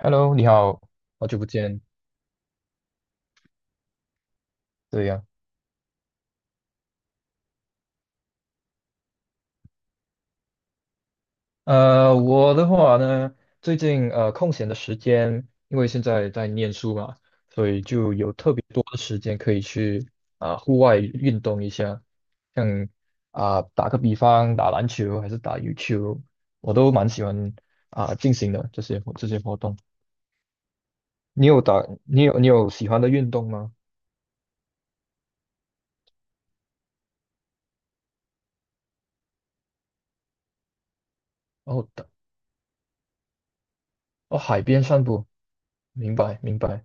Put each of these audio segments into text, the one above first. Hello，你好，好久不见。对呀，我的话呢，最近空闲的时间，因为现在在念书嘛，多的时间可以去户外运动一下，像打个比方，打篮球还是打羽球，我都蛮喜欢进行的这些活动。你有打你有你有喜欢的运动吗？哦，哦，海边散步，明白明白。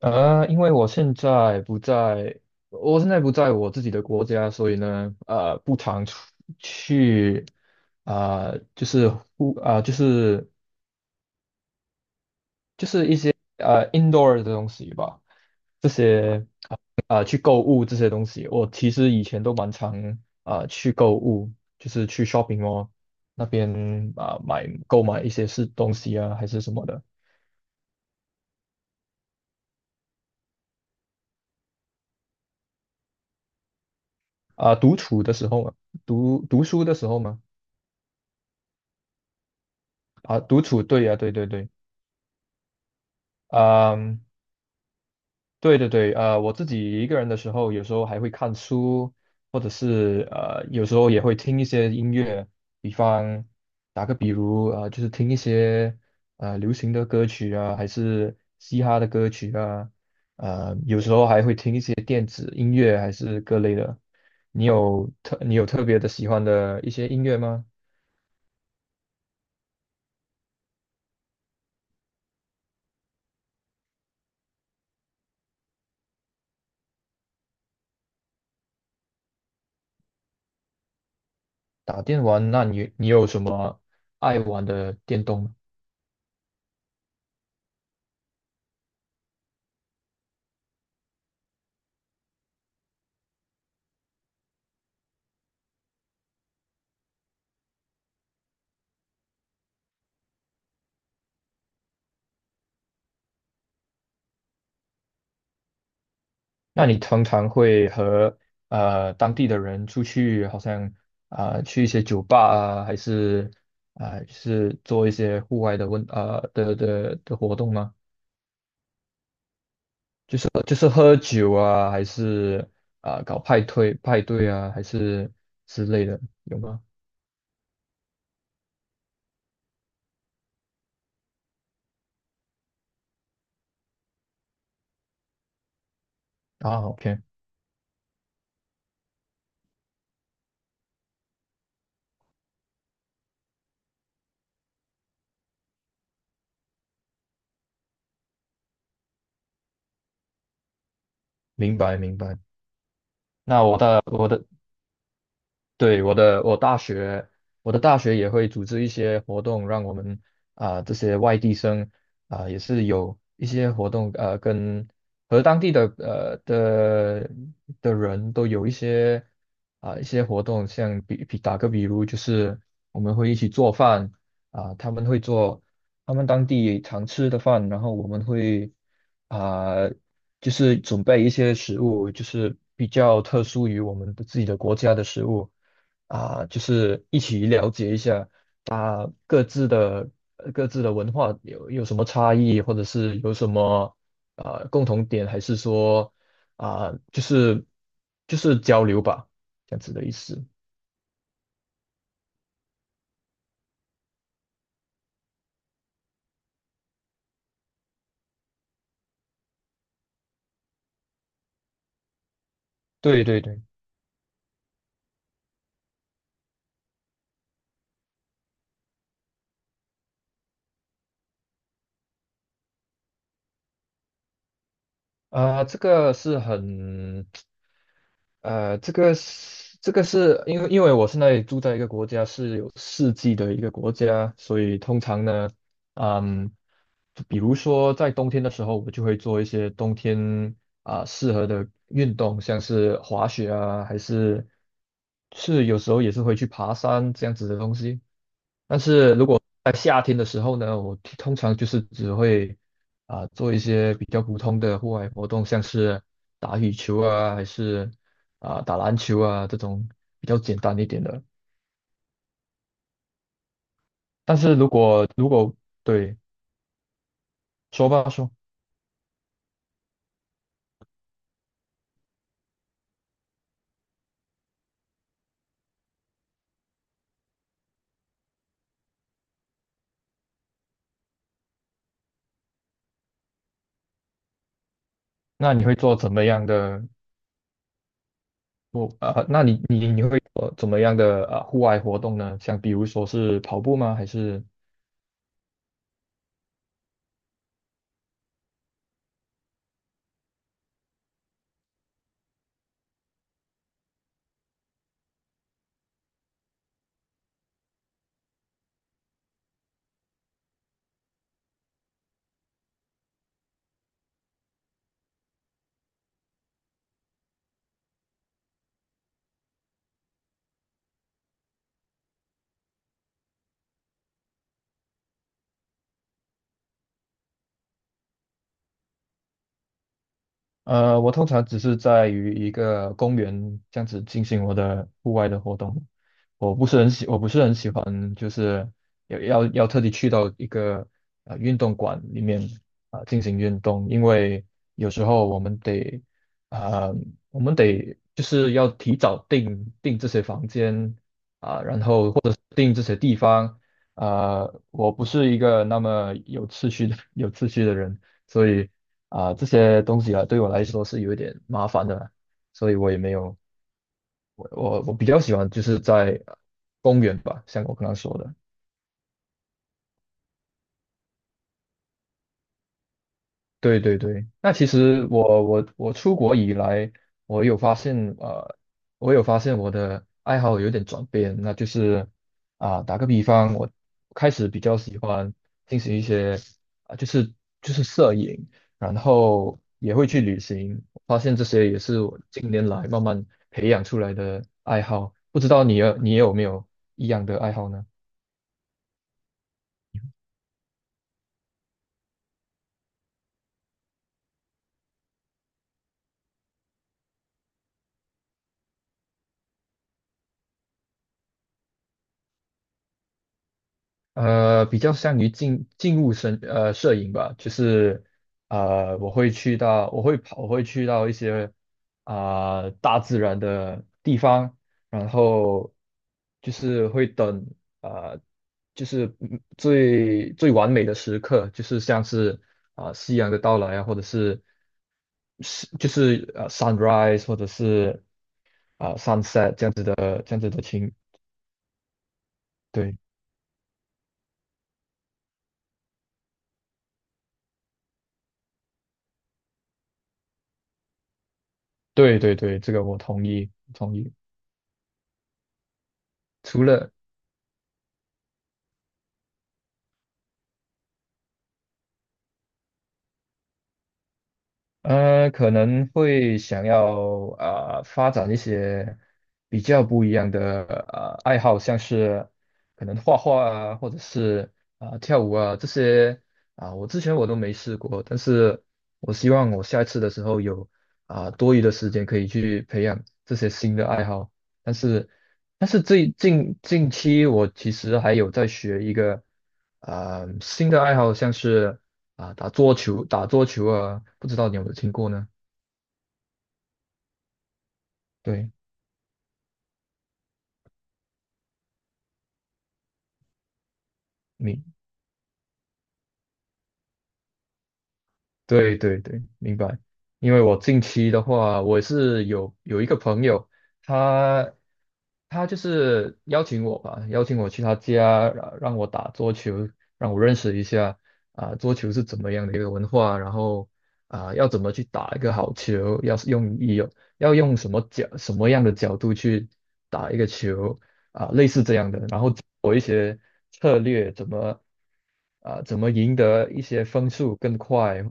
因为我现在不在，我现在不在我自己的国家，所以呢，不常出去，就是啊、就是就是一呃 indoor 的东西吧，去购物这些东西，我其实以前都蛮常去购物，就是去 shopping mall 那边购买一些是东西啊，还是什么的。独处的时候嘛，读读书的时候嘛，独处，对呀、对对对。啊，对对对，我自己一个人的时候，有时候还会看书，或者是有时候也会听一些音乐，比方打个比如，就是听一些流行的歌曲啊，还是嘻哈的歌曲啊，有时候还会听一些电子音乐，还是各类的。你有特别的喜欢的一些音乐吗？打电玩，那你有什么爱玩的电动吗？那你通常会和当地的人出去，好像去一些酒吧啊，还是是做一些户外的的活动吗？就是喝酒啊，还是搞派对啊，还是之类的，有吗？啊，OK，明白明白。那我的我的对，我的大学，我的大学也会组织一些活动，让我们这些外地生也是有一些活动，和当地的的人都有一些活动，像打个比如，就是我们会一起做饭他们会做他们当地常吃的饭，然后我们会啊、就是准备一些食物，就是比较特殊于我们的自己的国家的食物。就是一起了解一下啊各自的各自的文化有什么差异，或者是有什么共同点，还是说啊就是就是交流吧，这样子的意思。对对对，这个是很呃，这个是因为我现在住在一个国家是有四季的一个国家，所以通常呢，嗯，就比如说在冬天的时候，我就会做一些冬天适合的运动，像是滑雪啊，还是有时候也是会去爬山这样子的东西。在夏天的时候呢，我通常就是只会做一些比较普通的户外活动，像是打羽球啊，还是打篮球啊这种比较简单一点的。但是如果，对，说吧说，那你会做怎么样的？那你会做怎么样的户外活动呢？像比如说是跑步吗？还是我通常只是在于一个公园这样子进行我的户外的活动，我不是很喜欢，就是要特地去到一个运动馆里面进行运动，因为有时候啊、呃我们得就是要提早订这些房间然后或者是订这些地方，啊，我不是一个那么有秩序的 有秩序的人。所以这些东西啊，对我来说是有一点麻烦的啦，所以我也没有，我比较喜欢就是在公园吧，像我刚刚说的。对对对，那其实我出国以来，我有发现呃，我有发现我的爱好有点转变，那就是打个比方，我开始比较喜欢进行一些啊、就是就是摄影，然后也会去旅行，发现这些也是我近年来慢慢培养出来的爱好。不知道你有没有一样的爱好呢？比较善于进入摄影吧，就是我会去到一些大自然的地方，然后就是会等呃，就是最完美的时刻，就是像是夕阳的到来啊，或者是sunrise 或者是sunset 这样子的情，对对对对，这个我同意同意。除了可能会想要发展一些比较不一样的爱好，像是可能画画啊，或者是跳舞啊这些我之前都没试过，但是我希望我下一次的时候有多余的时间可以去培养这些新的爱好，但是。但是近期，我其实还有在学一个新的爱好，像是打桌球啊，不知道你有没有听过呢？对，你对对对，明白。因为我近期的话，我有一个朋友，他他就是邀请我吧，邀请我去他家，让我打桌球，让我认识一下桌球是怎么样的一个文化，然后要怎么去打一个好球，要是用意有要用什么什么样的角度去打一个球类似这样的，然后策略怎么赢得一些分数更快，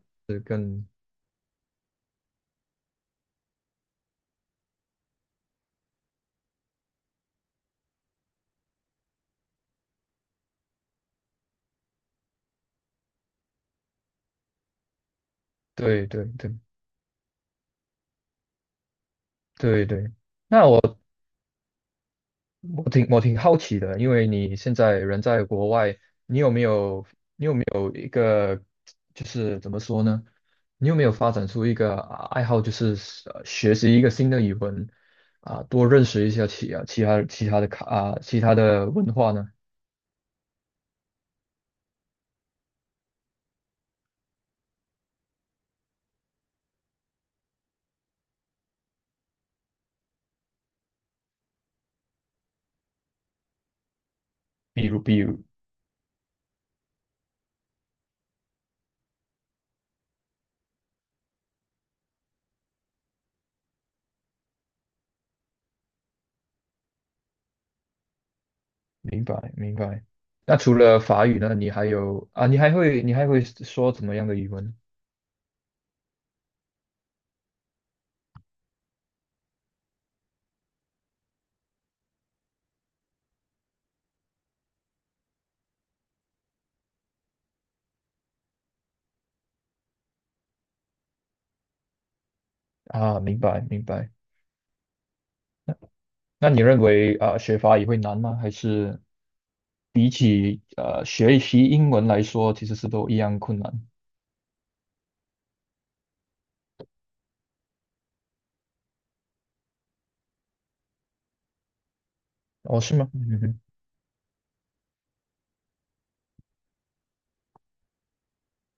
对对对。对对，那我我挺我挺好奇的，因为你现在人在国外，你有没有你有没有一个就是怎么说呢？你有没有发展出一个爱好，就是学习一个新的语文啊，多认识一下其啊其他其他的卡啊其他的文化呢？比如，明白明白。那除了法语呢，你还有啊，你还会说怎么样的语文啊？明白明白。那你认为学法语会难吗？还是学习英文来说，其实是都一样困难。哦，是吗？嗯哼，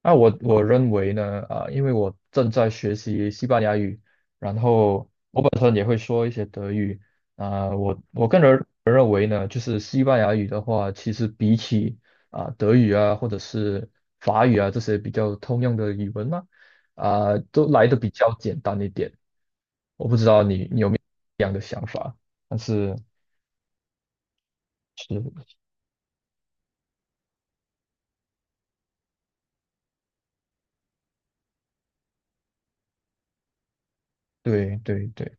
那我认为呢，因为我正在学习西班牙语，然后我本身也会说一些德语，我个人认为呢，就是西班牙语的话，其实比起德语啊或者是法语啊这些比较通用的语文呢、都来的比较简单一点。我不知道你有没有这样的想法，但是是对对对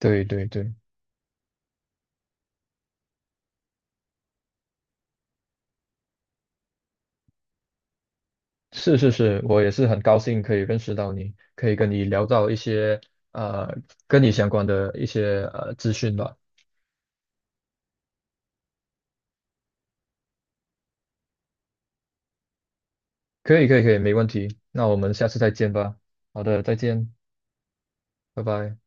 对对对。是是是，我也是很高兴可以认识到你，可以跟你聊到一些呃跟你相关的一些资讯吧。可以可以可以，没问题。那我们下次再见吧。好的，再见，拜拜。